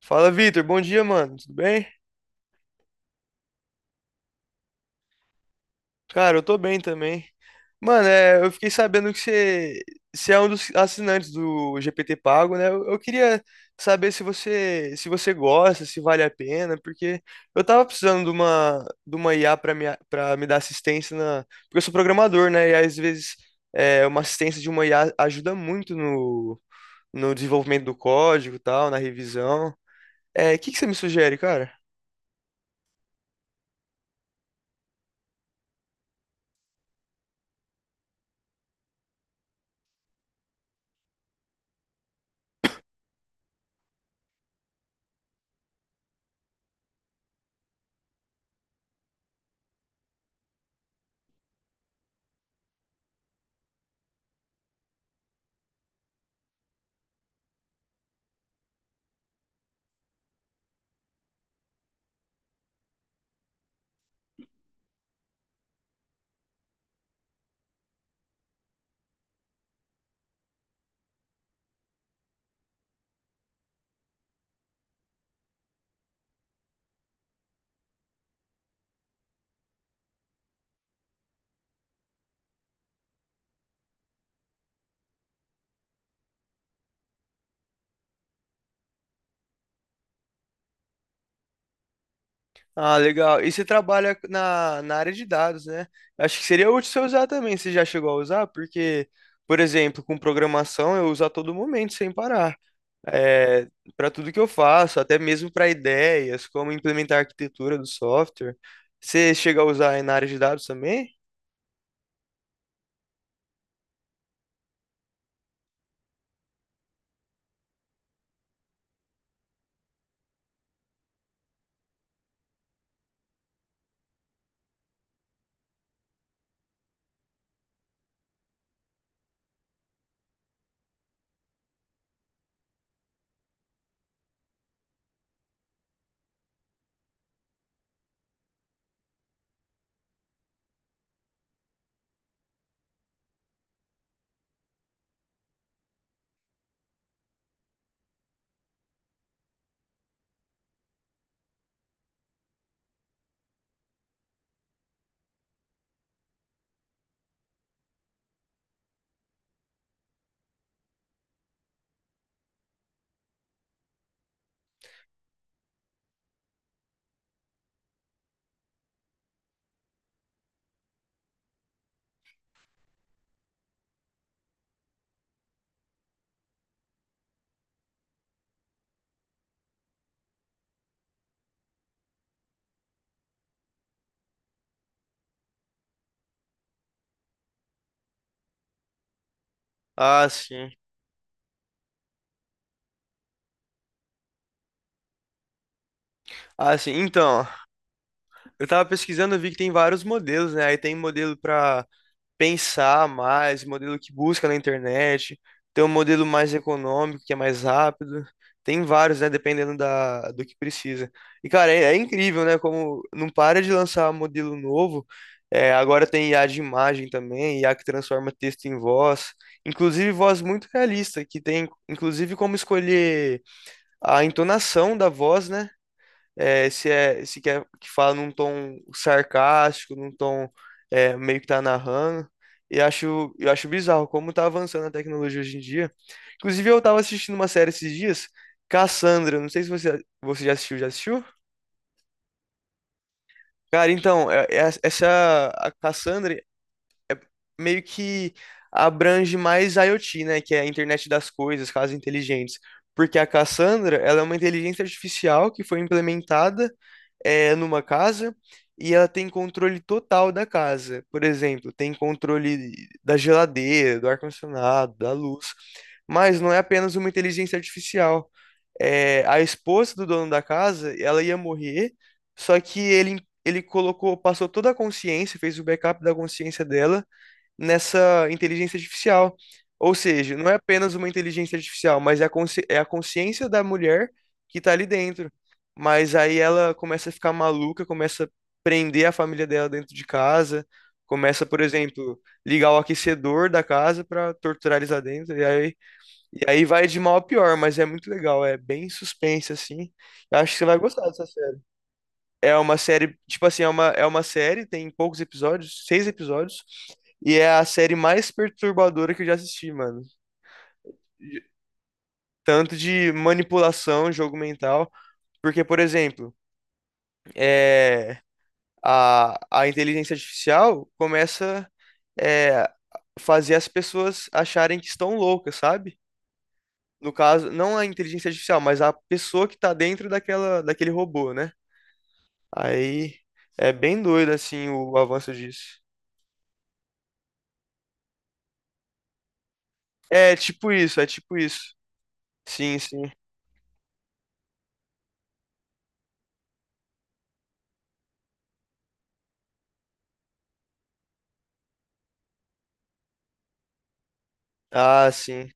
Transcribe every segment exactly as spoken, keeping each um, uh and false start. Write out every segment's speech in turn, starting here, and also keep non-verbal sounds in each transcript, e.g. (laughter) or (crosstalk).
Fala, Vitor. Bom dia, mano. Tudo bem? Cara, eu tô bem também. Mano, é, eu fiquei sabendo que você, você é um dos assinantes do G P T Pago, né? Eu, eu queria saber se você, se você gosta, se vale a pena, porque eu tava precisando de uma, de uma I A pra me, para me dar assistência na, porque eu sou programador, né? E às vezes é, uma assistência de uma I A ajuda muito no, no desenvolvimento do código, e tal, na revisão. É, o que que você me sugere, cara? Ah, legal. E você trabalha na, na área de dados, né? Acho que seria útil você usar também. Você já chegou a usar? Porque, por exemplo, com programação eu uso a todo momento, sem parar. É, Para tudo que eu faço, até mesmo para ideias, como implementar a arquitetura do software. Você chega a usar aí na área de dados também? Ah, sim. Ah, sim. Então, eu tava pesquisando, eu vi que tem vários modelos, né? Aí tem modelo para pensar mais, modelo que busca na internet, tem um modelo mais econômico, que é mais rápido. Tem vários, né? Dependendo da, do que precisa. E, cara, é, é incrível, né? Como não para de lançar modelo novo. É, agora tem I A de imagem também, I A que transforma texto em voz. Inclusive, voz muito realista, que tem, inclusive, como escolher a entonação da voz, né? é, se é se quer que fala num tom sarcástico, num tom é, meio que tá narrando. E acho, eu acho bizarro como tá avançando a tecnologia hoje em dia. Inclusive, eu tava assistindo uma série esses dias, Cassandra. Não sei se você, você já assistiu, já assistiu? Cara, então, é- é- essa a Cassandra meio que abrange mais I O T, né? Que é a internet das coisas, casas inteligentes. Porque a Cassandra, ela é uma inteligência artificial que foi implementada é, numa casa e ela tem controle total da casa. Por exemplo, tem controle da geladeira, do ar-condicionado, da luz. Mas não é apenas uma inteligência artificial. É, a esposa do dono da casa, ela ia morrer, só que ele, ele colocou, passou toda a consciência, fez o backup da consciência dela nessa inteligência artificial. Ou seja, não é apenas uma inteligência artificial, mas é a consci- é a consciência da mulher que tá ali dentro. Mas aí ela começa a ficar maluca, começa a prender a família dela dentro de casa, começa, por exemplo, ligar o aquecedor da casa pra torturar eles lá dentro. E aí, e aí vai de mal a pior, mas é muito legal, é bem suspense assim. Eu acho que você vai gostar dessa é uma série, tipo assim, é uma, é uma série, tem poucos episódios, seis episódios, e é a série mais perturbadora que eu já assisti, mano. De- Tanto de manipulação, jogo mental, porque, por exemplo, é, a, a inteligência artificial começa é, fazer as pessoas acharem que estão loucas, sabe? No caso, não a inteligência artificial, mas a pessoa que tá dentro daquela, daquele robô, né? Aí é bem doido, assim, o avanço disso. É tipo isso, é tipo isso. Sim, sim. Ah, sim.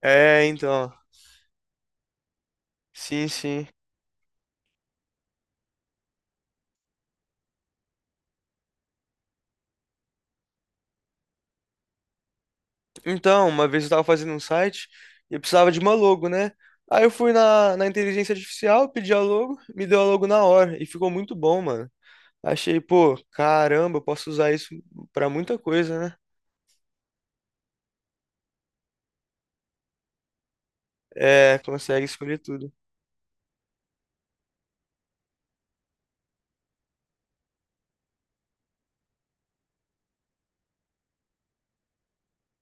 É, então. Sim, sim. Então, uma vez eu tava fazendo um site e eu precisava de uma logo, né? Aí eu fui na, na inteligência artificial, pedi a logo, me deu a logo na hora e ficou muito bom, mano. Achei, pô, caramba, eu posso usar isso pra muita coisa, né? É, consegue escolher tudo.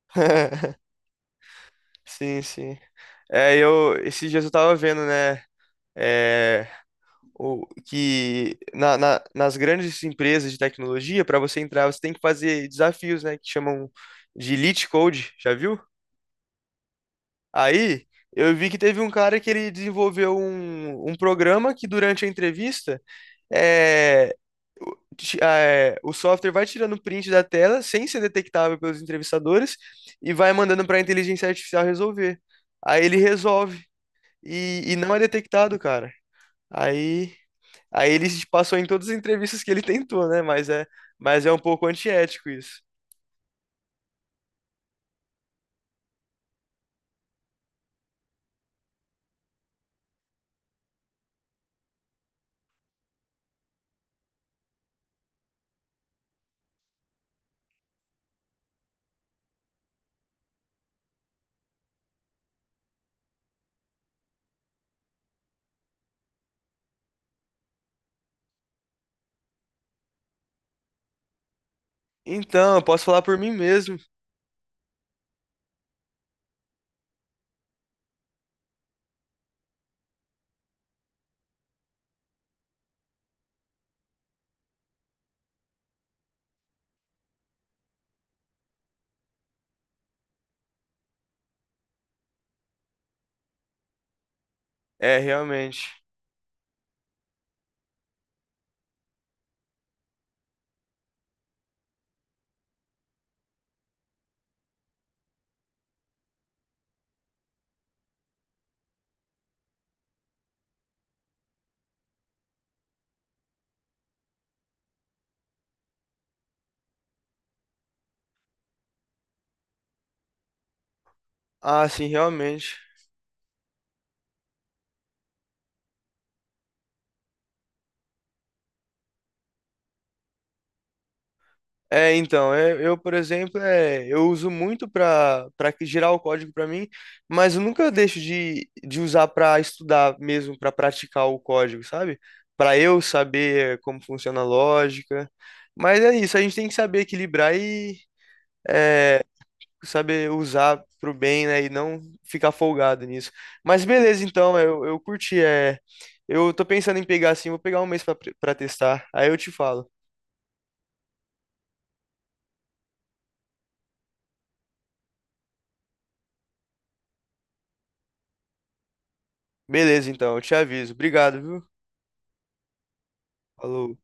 (laughs) Sim, sim. É, eu, esses dias eu tava vendo, né? É, ou que na, na- nas grandes empresas de tecnologia, para você entrar, você tem que fazer desafios, né, que chamam de Elite Code, já viu? Aí eu vi que teve um cara que ele desenvolveu um, um programa que durante a entrevista é, o ti- é, o software vai tirando print da tela sem ser detectável pelos entrevistadores e vai mandando para a inteligência artificial resolver. Aí ele resolve e, e não é detectado, cara. Aí Aí ele se passou em todas as entrevistas que ele tentou, né? Mas é, mas é um pouco antiético isso. Então, eu posso falar por mim mesmo. É, realmente. Ah, sim, realmente. É, então, é, eu, por exemplo, é, eu uso muito para para gerar o código para mim, mas eu nunca deixo de, de usar para estudar mesmo, para praticar o código, sabe? Para eu saber como funciona a lógica. Mas é isso, a gente tem que saber equilibrar e, saber usar pro bem, né? E não ficar folgado nisso. Mas beleza, então, eu, eu curti. É, eu tô pensando em pegar assim, vou pegar um mês pra, pra testar. Aí eu te falo. Beleza, então, eu te aviso. Obrigado, viu? Falou.